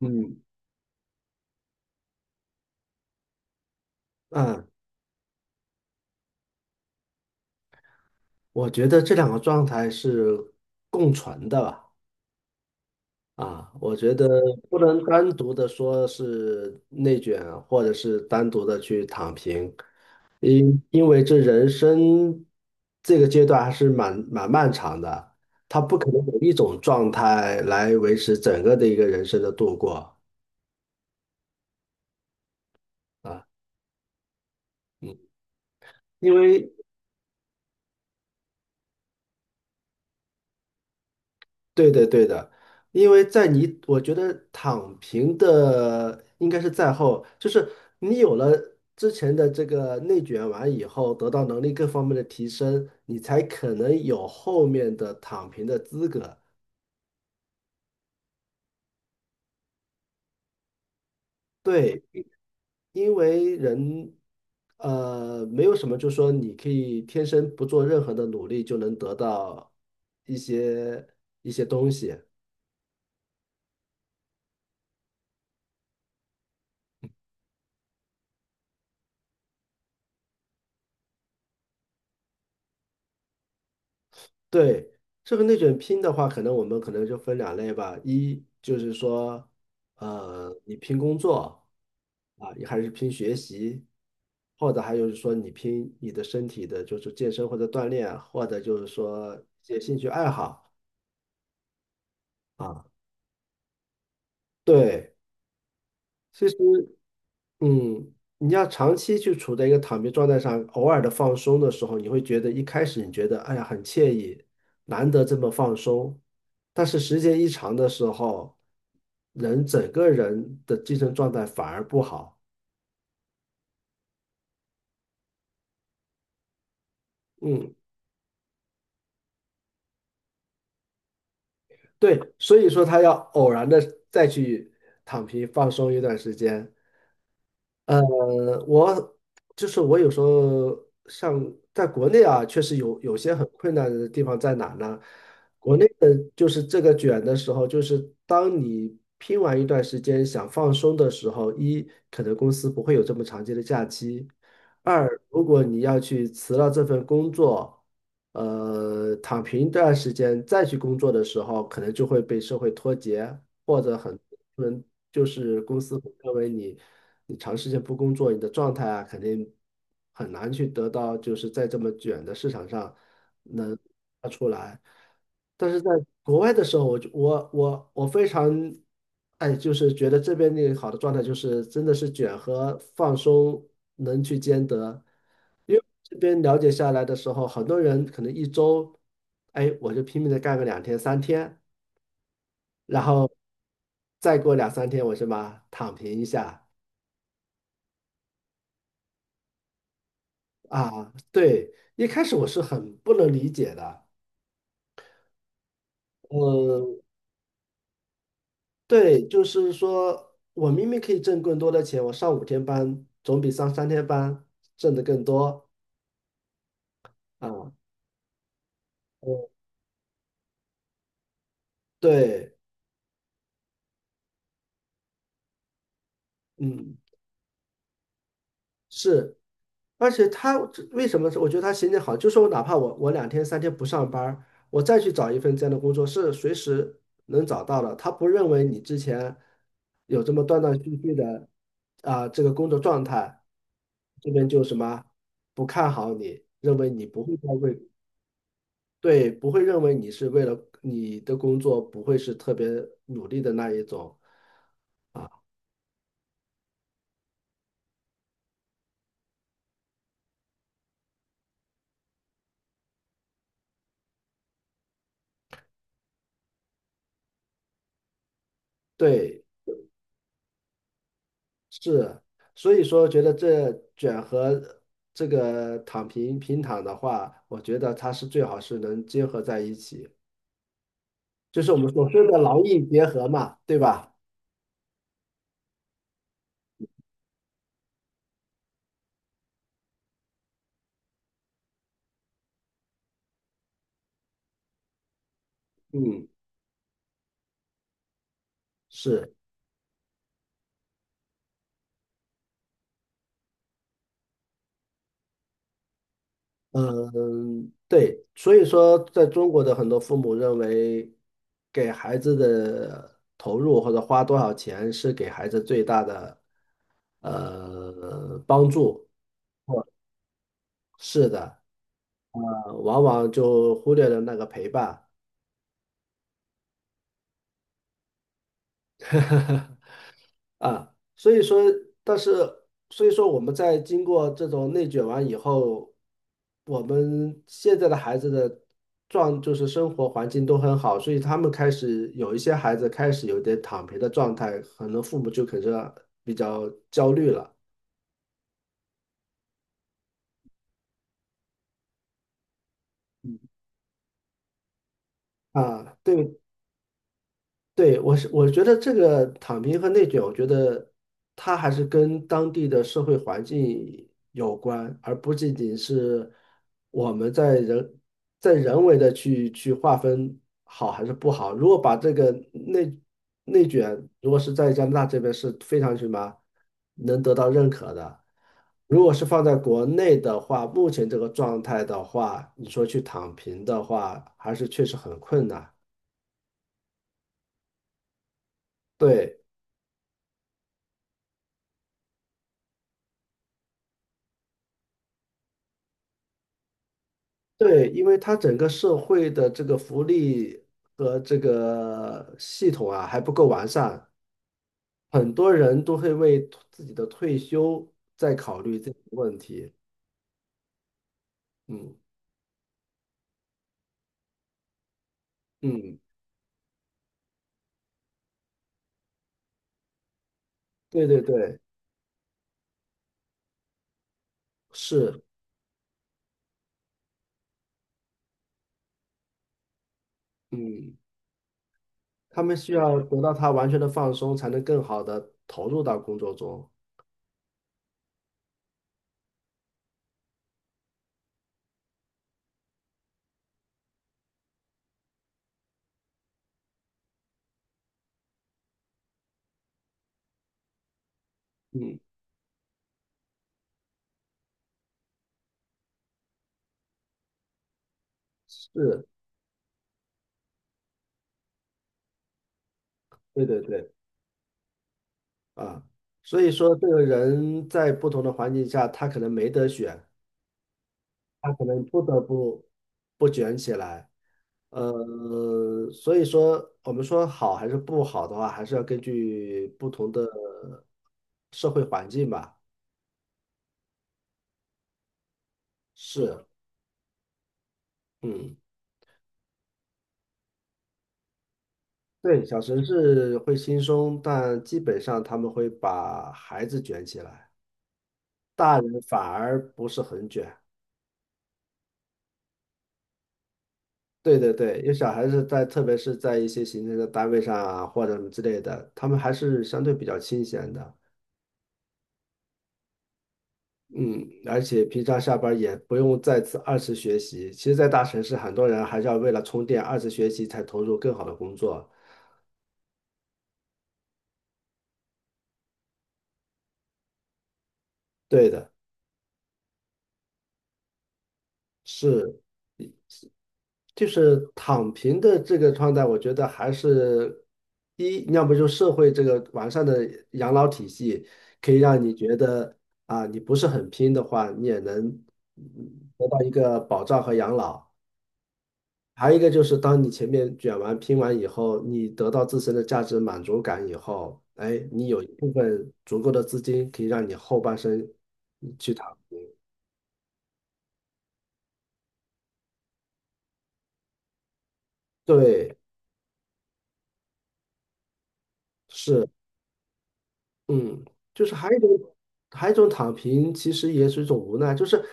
嗯嗯，我觉得这两个状态是共存的吧。啊，我觉得不能单独的说是内卷啊，或者是单独的去躺平，因为这人生这个阶段还是蛮漫长的，他不可能有一种状态来维持整个的一个人生的度过啊。嗯，因为对的，对的，因为我觉得躺平的应该是在后，就是你有了之前的这个内卷完以后，得到能力各方面的提升，你才可能有后面的躺平的资格。对，因为人，没有什么，就说你可以天生不做任何的努力就能得到一些一些东西。对，这个内卷拼的话，可能我们可能就分两类吧。一就是说，你拼工作啊，你还是拼学习，或者还有就是说你拼你的身体的，就是健身或者锻炼，或者就是说一些兴趣爱好啊。对，其实。嗯，你要长期去处在一个躺平状态上，偶尔的放松的时候，你会觉得一开始你觉得哎呀很惬意，难得这么放松，但是时间一长的时候，人整个人的精神状态反而不好。嗯，对，所以说他要偶然的再去躺平放松一段时间。呃，我就是我有时候像在国内啊，确实有些很困难的地方在哪呢？国内的就是这个卷的时候，就是当你拼完一段时间想放松的时候，一可能公司不会有这么长期的假期，二如果你要去辞了这份工作，躺平一段时间再去工作的时候，可能就会被社会脱节。或者很多人就是公司会认为你长时间不工作，你的状态啊肯定很难去得到，就是在这么卷的市场上能发出来。但是在国外的时候，我非常哎，就是觉得这边那个好的状态就是真的是卷和放松能去兼得。因为这边了解下来的时候，很多人可能一周，哎，我就拼命的干个两天三天。然后再过两三天我什么躺平一下啊？对，一开始我是很不能理解的，嗯，对，就是说我明明可以挣更多的钱，我上5天班总比上三天班挣得更多啊，嗯，对，嗯。是，而且他这为什么是我觉得他心情好，就是我哪怕我两天三天不上班儿我再去找一份这样的工作，是随时能找到的。他不认为你之前有这么断断续续的啊、这个工作状态，这边就什么不看好你，认为你不会再为对，不会认为你是为了你的工作不会是特别努力的那一种，啊对。是，所以说觉得这卷和这个躺平的话，我觉得它是最好是能结合在一起，就是我们所说的劳逸结合嘛，对吧？嗯，是，嗯，对，所以说在中国的很多父母认为，给孩子的投入或者花多少钱是给孩子最大的帮助，是的，往往就忽略了那个陪伴。啊，所以说，但是我们在经过这种内卷完以后，我们现在的孩子的就是生活环境都很好，所以他们开始有一些孩子开始有点躺平的状态，可能父母就可能比较焦虑了啊。对对，我觉得这个躺平和内卷，我觉得它还是跟当地的社会环境有关，而不仅仅是我们在人为的去划分好还是不好。如果把这个内卷，如果是在加拿大这边是非常什么能得到认可的，如果是放在国内的话，目前这个状态的话，你说去躺平的话，还是确实很困难。对。对，因为它整个社会的这个福利和这个系统啊还不够完善，很多人都会为自己的退休在考虑这个问题。嗯嗯，对对对，是，嗯，他们需要得到他完全的放松，才能更好的投入到工作中。嗯，是，对对对，啊，所以说这个人在不同的环境下，他可能没得选，他可能不得不卷起来。所以说我们说好还是不好的话，还是要根据不同的社会环境吧。是，嗯，对，小城市会轻松，但基本上他们会把孩子卷起来，大人反而不是很卷。对对对，因为小孩子在，特别是在一些行政的单位上啊，或者什么之类的，他们还是相对比较清闲的。嗯，而且平常下班儿也不用二次学习。其实，在大城市，很多人还是要为了充电，二次学习才投入更好的工作。对的，是，就是躺平的这个状态，我觉得还是第一，要不就社会这个完善的养老体系，可以让你觉得啊，你不是很拼的话，你也能得到一个保障和养老。还有一个就是，当你前面卷完、拼完以后，你得到自身的价值满足感以后，哎，你有一部分足够的资金可以让你后半生去躺。对，是，嗯，就是还有一种，还有一种躺平，其实也是一种无奈，就是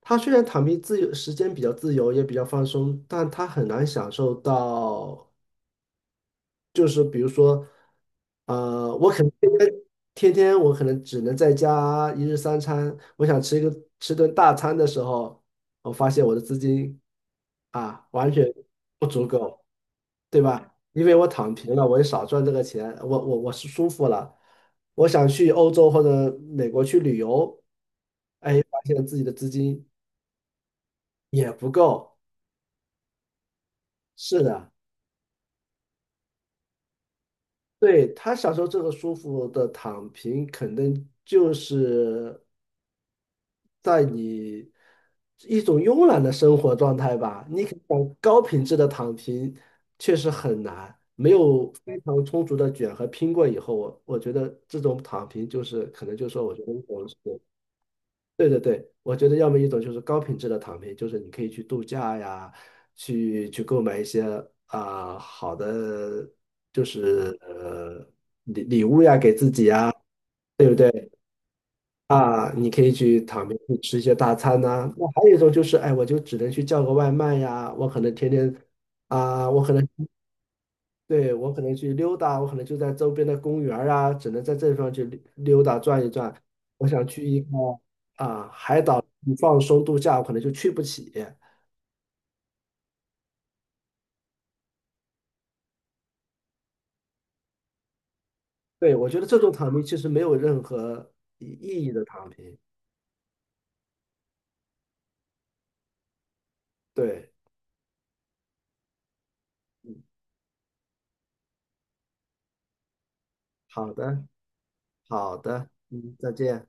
他虽然躺平自由，时间比较自由，也比较放松，但他很难享受到就是比如说，我可能天天天天我可能只能在家一日三餐，我想吃一个吃顿大餐的时候，我发现我的资金啊完全不足够，对吧？因为我躺平了，我也少赚这个钱，我是舒服了，我想去欧洲或者美国去旅游，哎，发现自己的资金也不够，是的。对，他享受这个舒服的躺平，可能就是在你一种慵懒的生活状态吧。你可想高品质的躺平，确实很难，没有非常充足的卷和拼过以后，我觉得这种躺平就是可能就说，我觉得我是。对对对，我觉得要么一种就是高品质的躺平，就是你可以去度假呀，去购买一些啊、好的，就是礼物呀给自己呀，对不对？啊，你可以去躺平，去吃一些大餐呐、那还有一种就是，哎，我就只能去叫个外卖呀，我可能天天啊、我可能对，我可能去溜达，我可能就在周边的公园儿啊，只能在这地方去溜达转一转。我想去一个啊海岛放松度假，我可能就去不起。对，我觉得这种躺平其实没有任何意义的躺平。对，嗯，好的，好的，嗯，再见。